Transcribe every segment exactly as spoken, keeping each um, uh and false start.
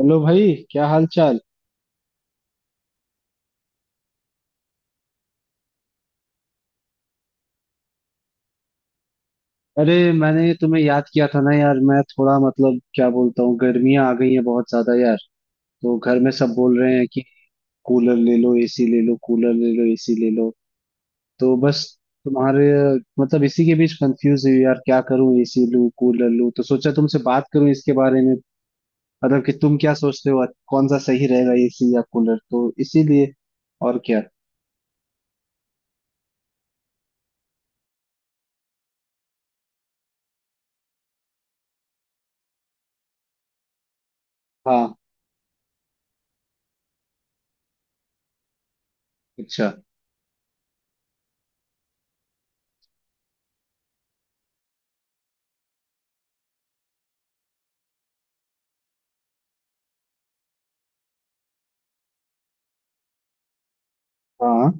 Hello भाई, क्या हाल चाल। अरे, मैंने तुम्हें याद किया था ना यार। मैं थोड़ा, मतलब क्या बोलता हूँ, गर्मियाँ आ गई हैं बहुत ज्यादा यार। तो घर में सब बोल रहे हैं कि कूलर ले लो, एसी ले लो, कूलर ले लो, एसी ले लो। तो बस, तुम्हारे। मतलब इसी के बीच कंफ्यूज हुई यार, क्या करूँ, एसी लूँ कूलर लूँ, तो सोचा तुमसे बात करूँ इसके बारे में। मतलब कि तुम क्या सोचते हो, कौन सा सही रहेगा, एसी या कूलर, तो इसीलिए। और क्या। हाँ। अच्छा। हाँ,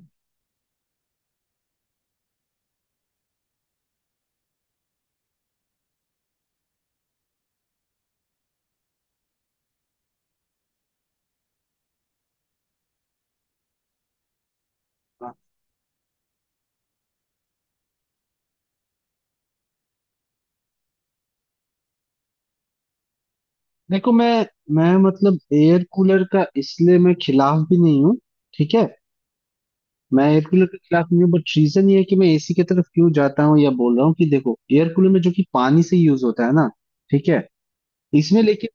देखो मैं मैं मतलब एयर कूलर का, इसलिए मैं खिलाफ भी नहीं हूँ। ठीक है। मैं एयर कूलर के खिलाफ नहीं हूँ, बट रीजन ये है कि मैं एसी की तरफ क्यों जाता हूँ या बोल रहा हूँ कि देखो, एयर कूलर में जो कि पानी से यूज होता है ना। ठीक है। इसमें लेकिन।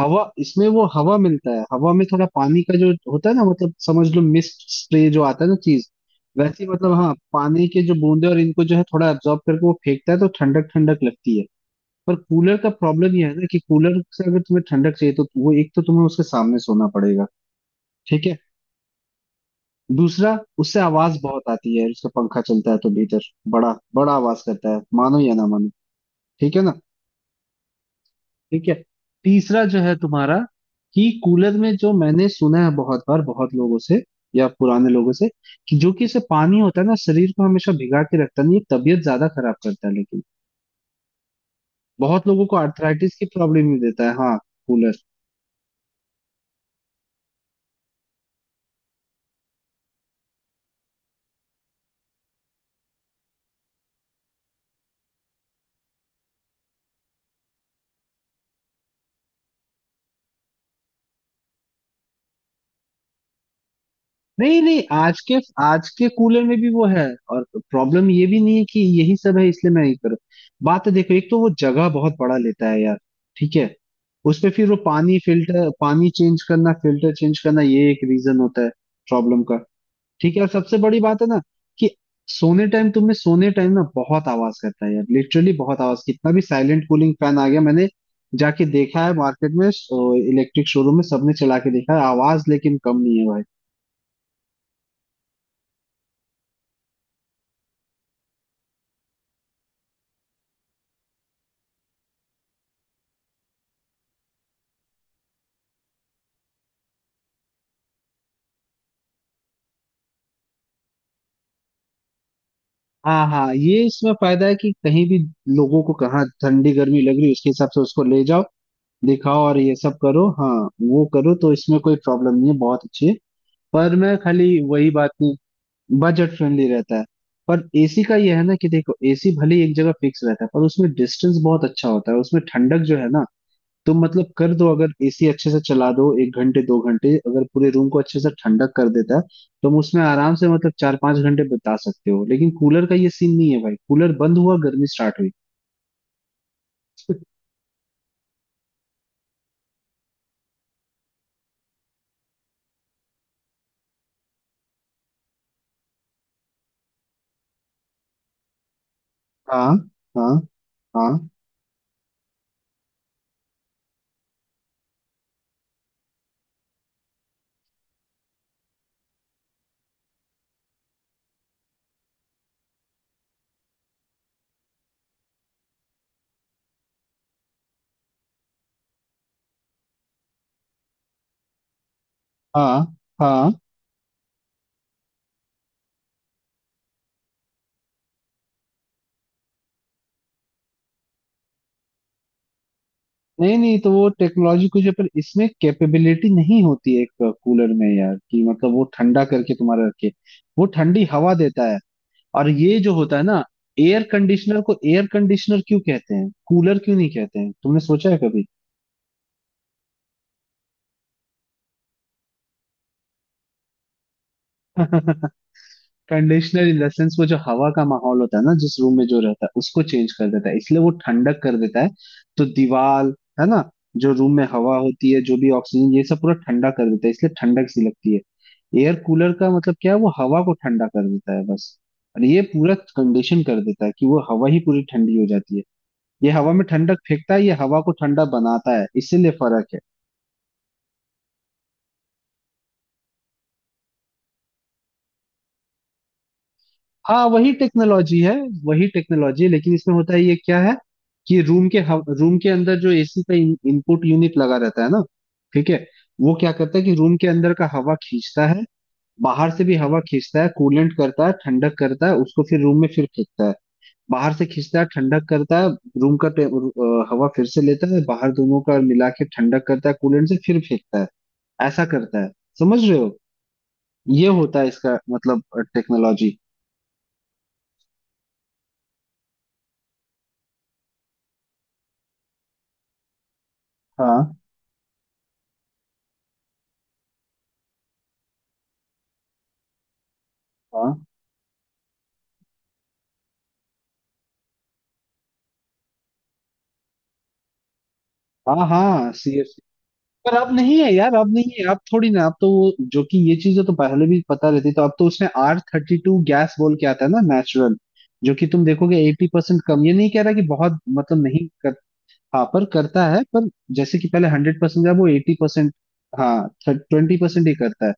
हवा, इसमें वो हवा मिलता है। हवा में थोड़ा पानी का जो होता है ना, मतलब समझ लो मिस्ट स्प्रे जो आता है ना, चीज। वैसे ही, मतलब हाँ, पानी के जो बूंदे, और इनको जो है थोड़ा एब्जॉर्ब करके वो फेंकता है, तो ठंडक ठंडक लगती है। पर कूलर का प्रॉब्लम ये है ना, कि कूलर से अगर तुम्हें ठंडक चाहिए तो वो, एक तो तुम्हें उसके सामने सोना पड़ेगा। ठीक है। दूसरा, उससे आवाज बहुत आती है, उसका पंखा चलता है तो भीतर बड़ा बड़ा आवाज करता है, मानो या ना मानो। ठीक है ना। ठीक है। तीसरा जो है तुम्हारा, कि कूलर में जो मैंने सुना है बहुत बार बहुत लोगों से, या पुराने लोगों से, कि जो कि इसे पानी होता है ना, शरीर को हमेशा भिगा के रखता है, नहीं ये तबीयत ज्यादा खराब करता है। लेकिन बहुत लोगों को आर्थराइटिस की प्रॉब्लम भी देता है। हाँ। कूलर। नहीं नहीं, आज के आज के कूलर में भी वो है। और प्रॉब्लम ये भी नहीं है कि यही सब है इसलिए मैं नहीं कर रहा। बात तो देखो, एक तो वो जगह बहुत बड़ा लेता है यार। ठीक है। उस पे फिर वो पानी, फिल्टर, पानी चेंज करना, फिल्टर चेंज करना, ये एक रीजन होता है प्रॉब्लम का। ठीक है। और सबसे बड़ी बात है ना, कि सोने टाइम, तुम्हें सोने टाइम ना बहुत आवाज करता है यार, लिटरली बहुत आवाज। कितना भी साइलेंट कूलिंग फैन आ गया, मैंने जाके देखा है मार्केट में, इलेक्ट्रिक शोरूम में, सबने चला के देखा है, आवाज लेकिन कम नहीं है भाई। हाँ हाँ, ये इसमें फायदा है कि कहीं भी, लोगों को कहाँ ठंडी गर्मी लग रही है उसके हिसाब से उसको ले जाओ, दिखाओ और ये सब करो, हाँ, वो करो, तो इसमें कोई प्रॉब्लम नहीं है, बहुत अच्छी है। पर मैं खाली वही बात नहीं। बजट फ्रेंडली रहता है। पर एसी का ये है ना कि देखो, एसी भले ही एक जगह फिक्स रहता है, पर उसमें डिस्टेंस बहुत अच्छा होता है, उसमें ठंडक जो है ना, तो मतलब कर दो, अगर एसी अच्छे से चला दो एक घंटे दो घंटे, अगर पूरे रूम को अच्छे से ठंडक कर देता है, तो हम उसमें आराम से मतलब चार पांच घंटे बिता सकते हो। लेकिन कूलर का ये सीन नहीं है भाई, कूलर बंद हुआ, गर्मी स्टार्ट हुई। हाँ हाँ हाँ हाँ हाँ। नहीं नहीं, तो वो टेक्नोलॉजी कुछ है, पर इसमें कैपेबिलिटी नहीं होती है एक कूलर में यार, कि मतलब वो ठंडा करके तुम्हारा रखे, वो ठंडी हवा देता है। और ये जो होता है ना, एयर कंडीशनर को एयर कंडीशनर क्यों कहते हैं, कूलर क्यों नहीं कहते हैं, तुमने सोचा है कभी। कंडीशनर इन द सेंस, वो जो हवा का माहौल होता है ना, जिस रूम में जो रहता है, उसको चेंज कर देता है, इसलिए वो ठंडक कर देता है। तो दीवार, है ना, जो रूम में हवा होती है, जो भी ऑक्सीजन, ये सब पूरा ठंडा कर देता है, इसलिए ठंडक सी लगती है। एयर कूलर का मतलब क्या है, वो हवा को ठंडा कर देता है बस। और ये पूरा कंडीशन कर देता है कि वो हवा ही पूरी ठंडी हो जाती है। ये हवा में ठंडक फेंकता है, ये हवा को ठंडा बनाता है, इसीलिए फर्क है। हाँ, वही टेक्नोलॉजी है। वही टेक्नोलॉजी है, लेकिन इसमें होता है ये क्या है, कि रूम के रूम के अंदर जो एसी का इन, इनपुट यूनिट लगा रहता है ना। ठीक है। वो क्या करता है कि रूम के अंदर का हवा खींचता है, बाहर से भी हवा खींचता है, कूलेंट करता है, ठंडक करता है, उसको फिर रूम में फिर फेंकता है। बाहर से खींचता है, ठंडक करता है, रूम का टे- अ, हवा फिर से लेता है, बाहर दोनों का मिला के ठंडक करता है, कूलेंट से फिर फेंकता है। ऐसा करता है। समझ रहे हो। ये होता है इसका मतलब, टेक्नोलॉजी। हाँ हाँ हाँ हाँ, सीरियसली। पर अब नहीं है यार, अब नहीं है। अब थोड़ी ना, अब तो वो जो कि ये चीजें तो पहले भी पता रहती, तो अब तो उसमें आर थर्टी टू गैस बोल के आता है ना, नेचुरल, जो कि तुम देखोगे एटी परसेंट कम, ये नहीं कह रहा कि बहुत, मतलब नहीं कर। हाँ, पर करता है पर। जैसे कि पहले हंड्रेड परसेंट था, वो एटी परसेंट। हाँ, ट्वेंटी परसेंट ही करता है,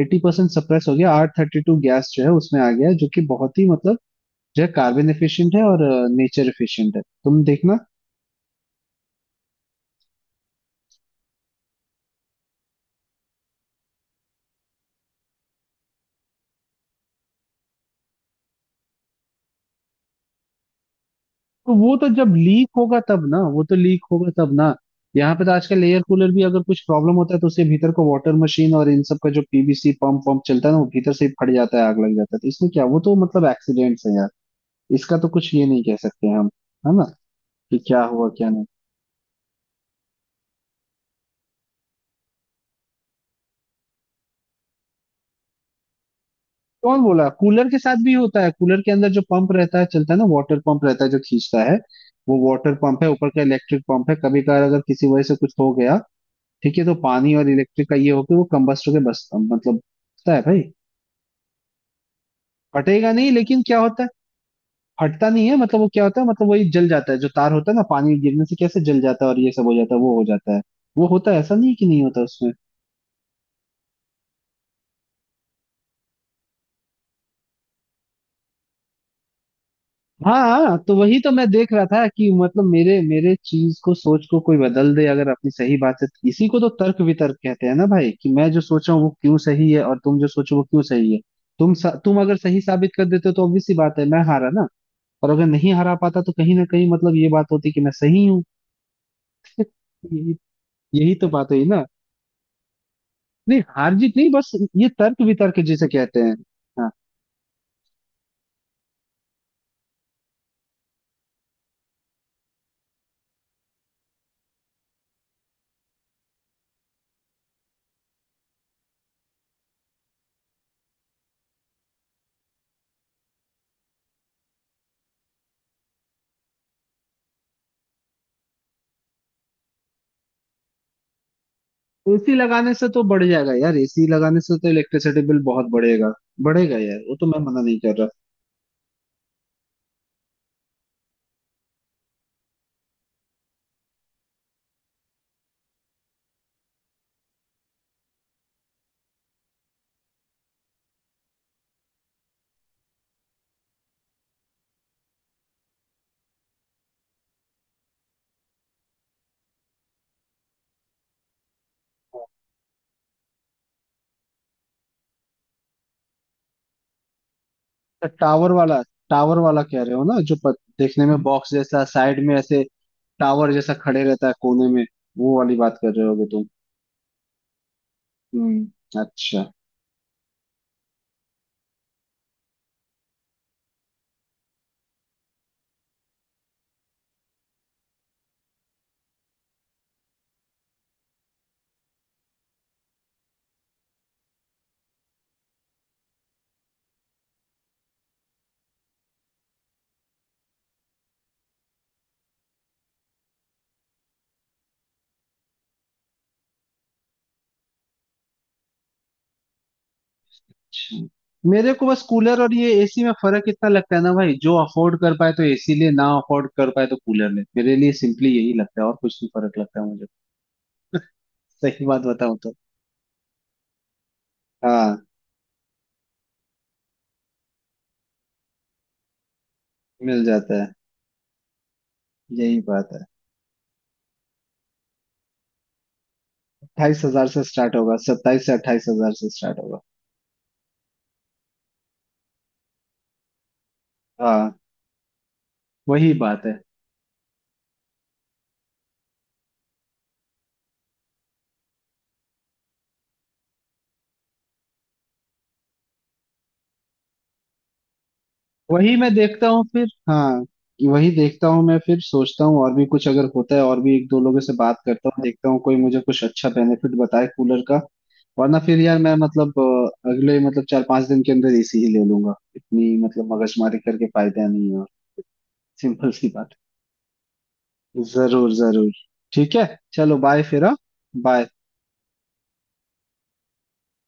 एटी परसेंट सप्रेस हो गया। आर थर्टी टू गैस जो है उसमें आ गया है, जो कि बहुत ही, मतलब जो है कार्बन एफिशिएंट है, और नेचर एफिशिएंट है, तुम देखना। तो वो तो जब लीक होगा तब ना, वो तो लीक होगा तब ना। यहाँ पे तो आजकल एयर कूलर भी अगर कुछ प्रॉब्लम होता है, तो उसके भीतर को वाटर मशीन और इन सब का जो पी वी सी पंप पंप चलता है ना, वो भीतर से ही फट जाता है, आग लग जाता है। तो इसमें क्या, वो तो मतलब एक्सीडेंट्स है यार। इसका तो कुछ ये नहीं कह सकते हम, है ना, कि क्या हुआ क्या नहीं। कौन बोला, कूलर के साथ भी होता है। कूलर के अंदर जो पंप रहता है, चलता है ना, वाटर पंप रहता है जो खींचता है। वो वाटर पंप है ऊपर का, इलेक्ट्रिक पंप है, कभी कभार अगर किसी वजह से कुछ हो गया, ठीक है, तो पानी और इलेक्ट्रिक का ये होके, वो कंबस्ट होके, बस मतलब होता है भाई। फटेगा नहीं, लेकिन क्या होता है, फटता नहीं है मतलब। वो क्या होता है, मतलब वही जल जाता है जो तार होता है ना, पानी गिरने से कैसे जल जाता है और ये सब हो जाता है, वो हो जाता है। वो होता है, ऐसा नहीं कि नहीं होता उसमें। हाँ हाँ, तो वही तो मैं देख रहा था, कि मतलब मेरे मेरे चीज को, सोच को कोई बदल दे अगर अपनी सही बात से, इसी को तो तर्क वितर्क कहते हैं ना भाई, कि मैं जो सोचा हूँ वो क्यों सही है, और तुम जो सोचो वो क्यों सही है। तुम स- तुम अगर सही साबित कर देते हो, तो ऑब्वियस सी बात है, मैं हारा ना। और अगर नहीं हरा पाता, तो कहीं ना कहीं मतलब ये बात होती कि मैं सही हूँ। यही यही तो बात हुई ना। नहीं, हार जीत नहीं बस, ये तर्क वितर्क जिसे कहते हैं। हाँ, तो एसी लगाने से तो बढ़ जाएगा यार, एसी लगाने से तो इलेक्ट्रिसिटी बिल बहुत बढ़ेगा। बढ़ेगा यार, वो तो मैं मना नहीं कर रहा। तो टावर वाला, टावर वाला कह रहे हो ना, जो प- देखने में बॉक्स जैसा, साइड में ऐसे टावर जैसा खड़े रहता है कोने में, वो वाली बात कर रहे होगे तुम। हम्म, अच्छा। अच्छा। मेरे को बस कूलर और ये एसी में फर्क इतना लगता है ना भाई, जो अफोर्ड कर पाए तो एसी ले, ना अफोर्ड कर पाए तो कूलर ले। मेरे लिए सिंपली यही लगता है, और कुछ नहीं फर्क लगता है मुझे, सही बात बताऊं तो। हाँ, मिल जाता है। यही बात है। अट्ठाईस हजार से स्टार्ट होगा, सत्ताईस से अट्ठाईस हजार से स्टार्ट होगा। हाँ, वही बात है। वही मैं देखता हूँ फिर, हाँ। वही देखता हूँ मैं फिर, सोचता हूँ। और भी कुछ अगर होता है, और भी एक दो लोगों से बात करता हूँ, देखता हूँ कोई मुझे कुछ अच्छा बेनिफिट बताए कूलर का। वरना फिर यार, मैं मतलब अ, अगले मतलब चार पांच दिन के अंदर एसी ही ले लूंगा। इतनी मतलब मगजमारी करके फायदा नहीं है, सिंपल सी बात है। जरूर जरूर। ठीक है, चलो बाय फिर, हाँ। बाय।